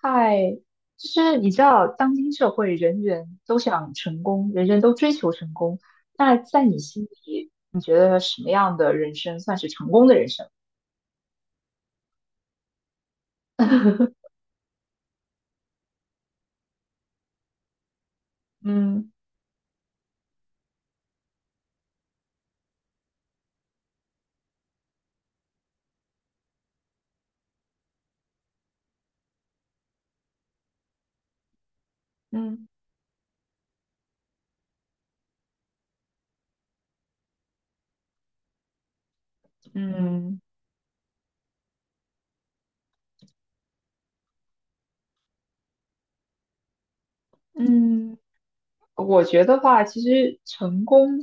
嗨，就是你知道，当今社会人人都想成功，人人都追求成功。那在你心里，你觉得什么样的人生算是成功的人生？嗯嗯嗯嗯，我觉得话，其实成功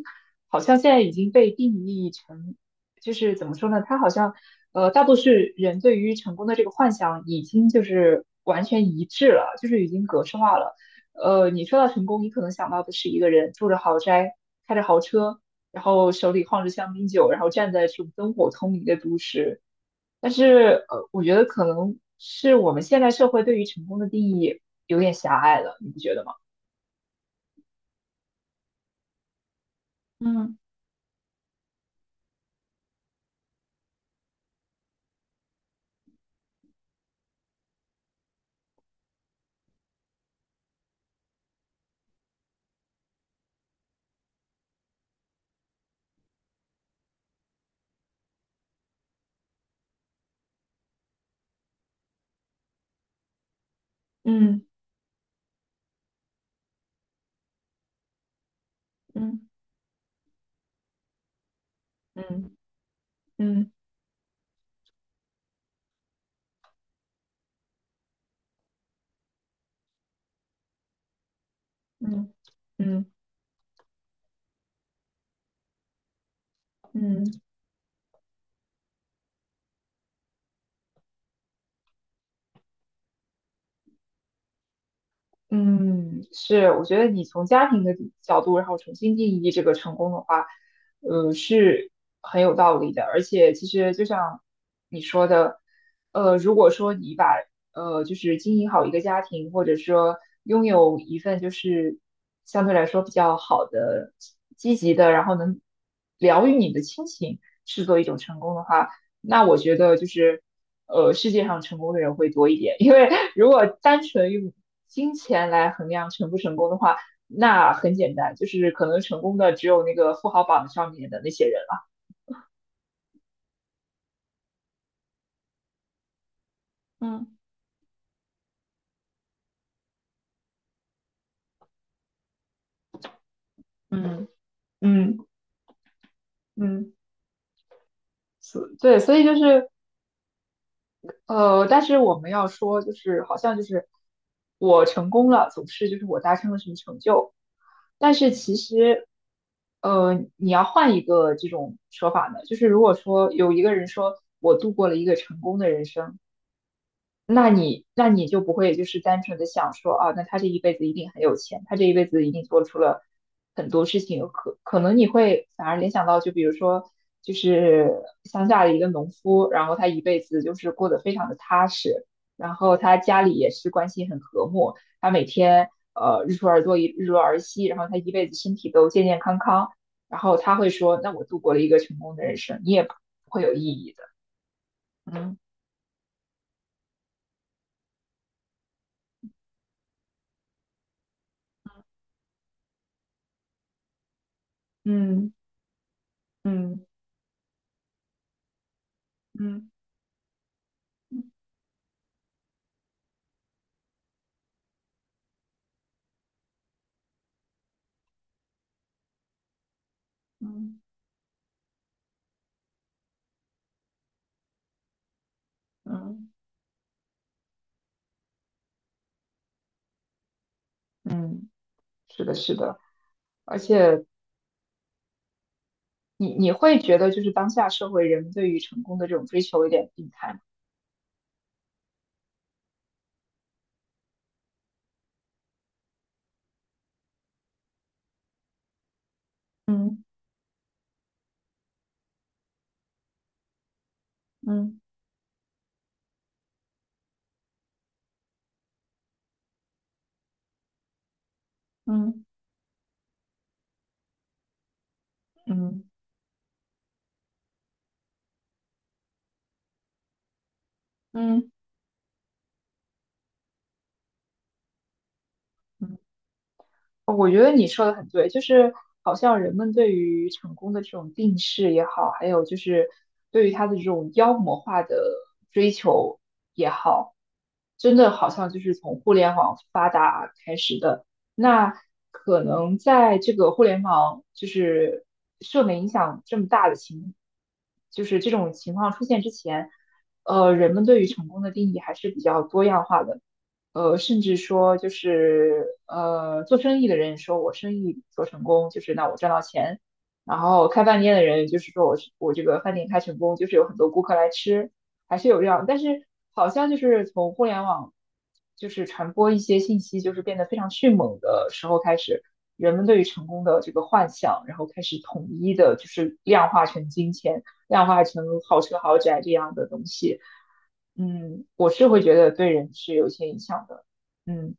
好像现在已经被定义成，就是怎么说呢？它好像，大多数人对于成功的这个幻想已经就是完全一致了，就是已经格式化了。你说到成功，你可能想到的是一个人住着豪宅，开着豪车，然后手里晃着香槟酒，然后站在这种灯火通明的都市。但是，我觉得可能是我们现代社会对于成功的定义有点狭隘了，你不觉得吗？嗯嗯。嗯嗯嗯嗯嗯嗯嗯，是，我觉得你从家庭的角度，然后重新定义这个成功的话，是很有道理的。而且，其实就像你说的，如果说你把就是经营好一个家庭，或者说拥有一份就是相对来说比较好的、积极的，然后能疗愈你的亲情，视作一种成功的话。那我觉得就是，世界上成功的人会多一点，因为如果单纯用金钱来衡量成不成功的话，那很简单，就是可能成功的只有那个富豪榜上面的那些人了。嗯嗯嗯嗯，所对，所以就是但是我们要说，就是好像就是我成功了，总是就是我达成了什么成就，但是其实，你要换一个这种说法呢，就是如果说有一个人说我度过了一个成功的人生，那你那你就不会就是单纯的想说啊，那他这一辈子一定很有钱，他这一辈子一定做出了很多事情，可能你会反而联想到，就比如说就是乡下的一个农夫，然后他一辈子就是过得非常的踏实，然后他家里也是关系很和睦，他每天日出而作，日落而息，然后他一辈子身体都健健康康，然后他会说，那我度过了一个成功的人生，你也不会有意义的，嗯嗯嗯嗯。嗯嗯嗯，是的，是的，而且你会觉得就是当下社会人对于成功的这种追求有点病态吗？嗯嗯嗯嗯嗯嗯。我觉得你说的很对，就是好像人们对于成功的这种定势也好，还有就是对于他的这种妖魔化的追求也好，真的好像就是从互联网发达开始的。那可能在这个互联网就是社会影响这么大的情，就是这种情况出现之前，人们对于成功的定义还是比较多样化的。甚至说就是做生意的人说我生意做成功，就是那我赚到钱，然后开饭店的人就是说我这个饭店开成功，就是有很多顾客来吃，还是有这样，但是好像就是从互联网就是传播一些信息，就是变得非常迅猛的时候开始，人们对于成功的这个幻想，然后开始统一的就是量化成金钱，量化成豪车豪宅这样的东西。嗯，我是会觉得对人是有一些影响的。嗯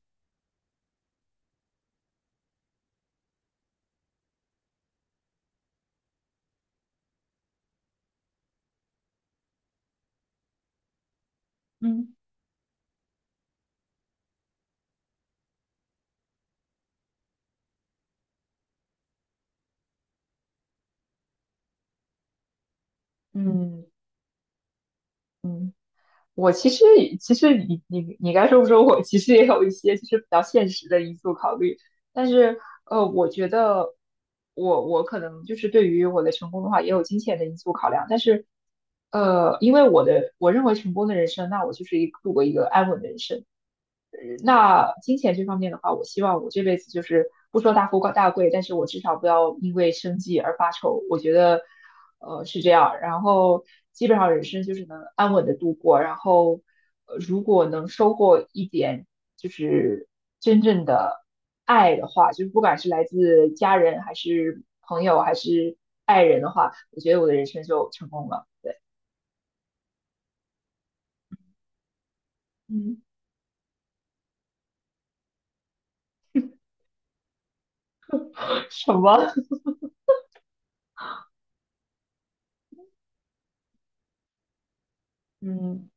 嗯嗯嗯，我其实你该说不说我，其实也有一些就是比较现实的因素考虑，但是我觉得我可能就是对于我的成功的话，也有金钱的因素考量，但是因为我认为成功的人生，那我就是一度过一个安稳的人生。那金钱这方面的话，我希望我这辈子就是不说大富大贵，但是我至少不要因为生计而发愁。我觉得，是这样。然后基本上人生就是能安稳的度过。然后，如果能收获一点就是真正的爱的话，就是不管是来自家人还是朋友还是爱人的话，我觉得我的人生就成功了。对，嗯，什么？嗯，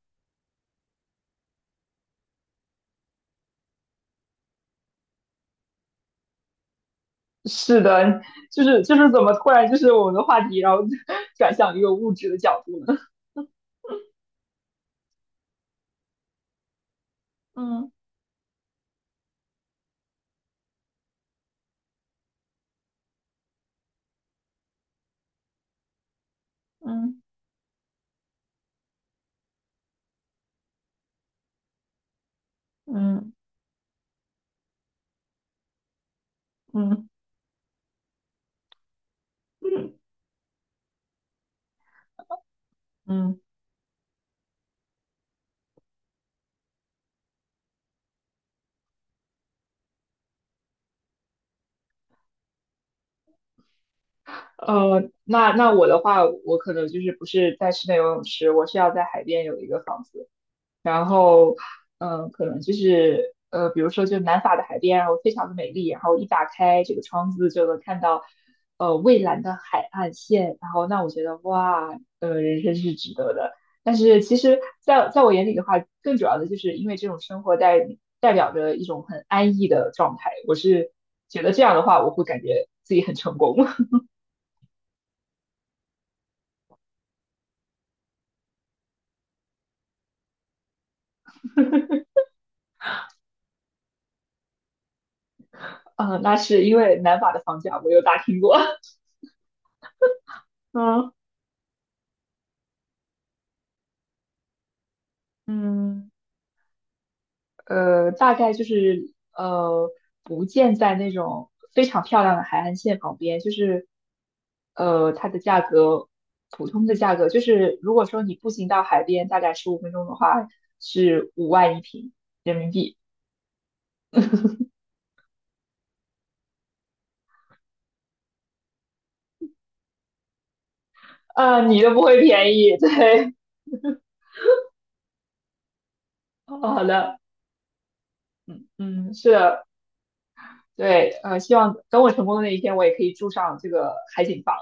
是的，就是怎么突然就是我们的话题，然后转向一个物质的角度呢？嗯嗯嗯嗯嗯 嗯那我的话，我可能就是不是在室内游泳池，我是要在海边有一个房子。然后，可能就是比如说就南法的海边，然后非常的美丽，然后一打开这个窗子就能看到蔚蓝的海岸线，然后那我觉得哇，呃，人生是值得的。但是其实在我眼里的话，更主要的就是因为这种生活代表着一种很安逸的状态，我是觉得这样的话，我会感觉自己很成功。那是因为南法的房价我有打听过。嗯。嗯。大概就是不建在那种非常漂亮的海岸线旁边，就是它的价格普通的价格，就是如果说你步行到海边，大概15分钟的话，是5万一平人民币。啊你都不会便宜。对，好的，嗯，是的。对，希望等我成功的那一天，我也可以住上这个海景房。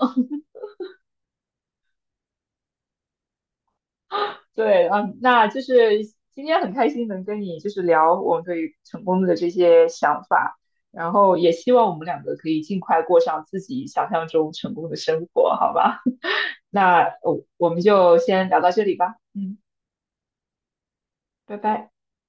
对，嗯，那就是今天很开心能跟你就是聊我们对于成功的这些想法，然后也希望我们两个可以尽快过上自己想象中成功的生活，好吧？那我们就先聊到这里吧，嗯，拜拜。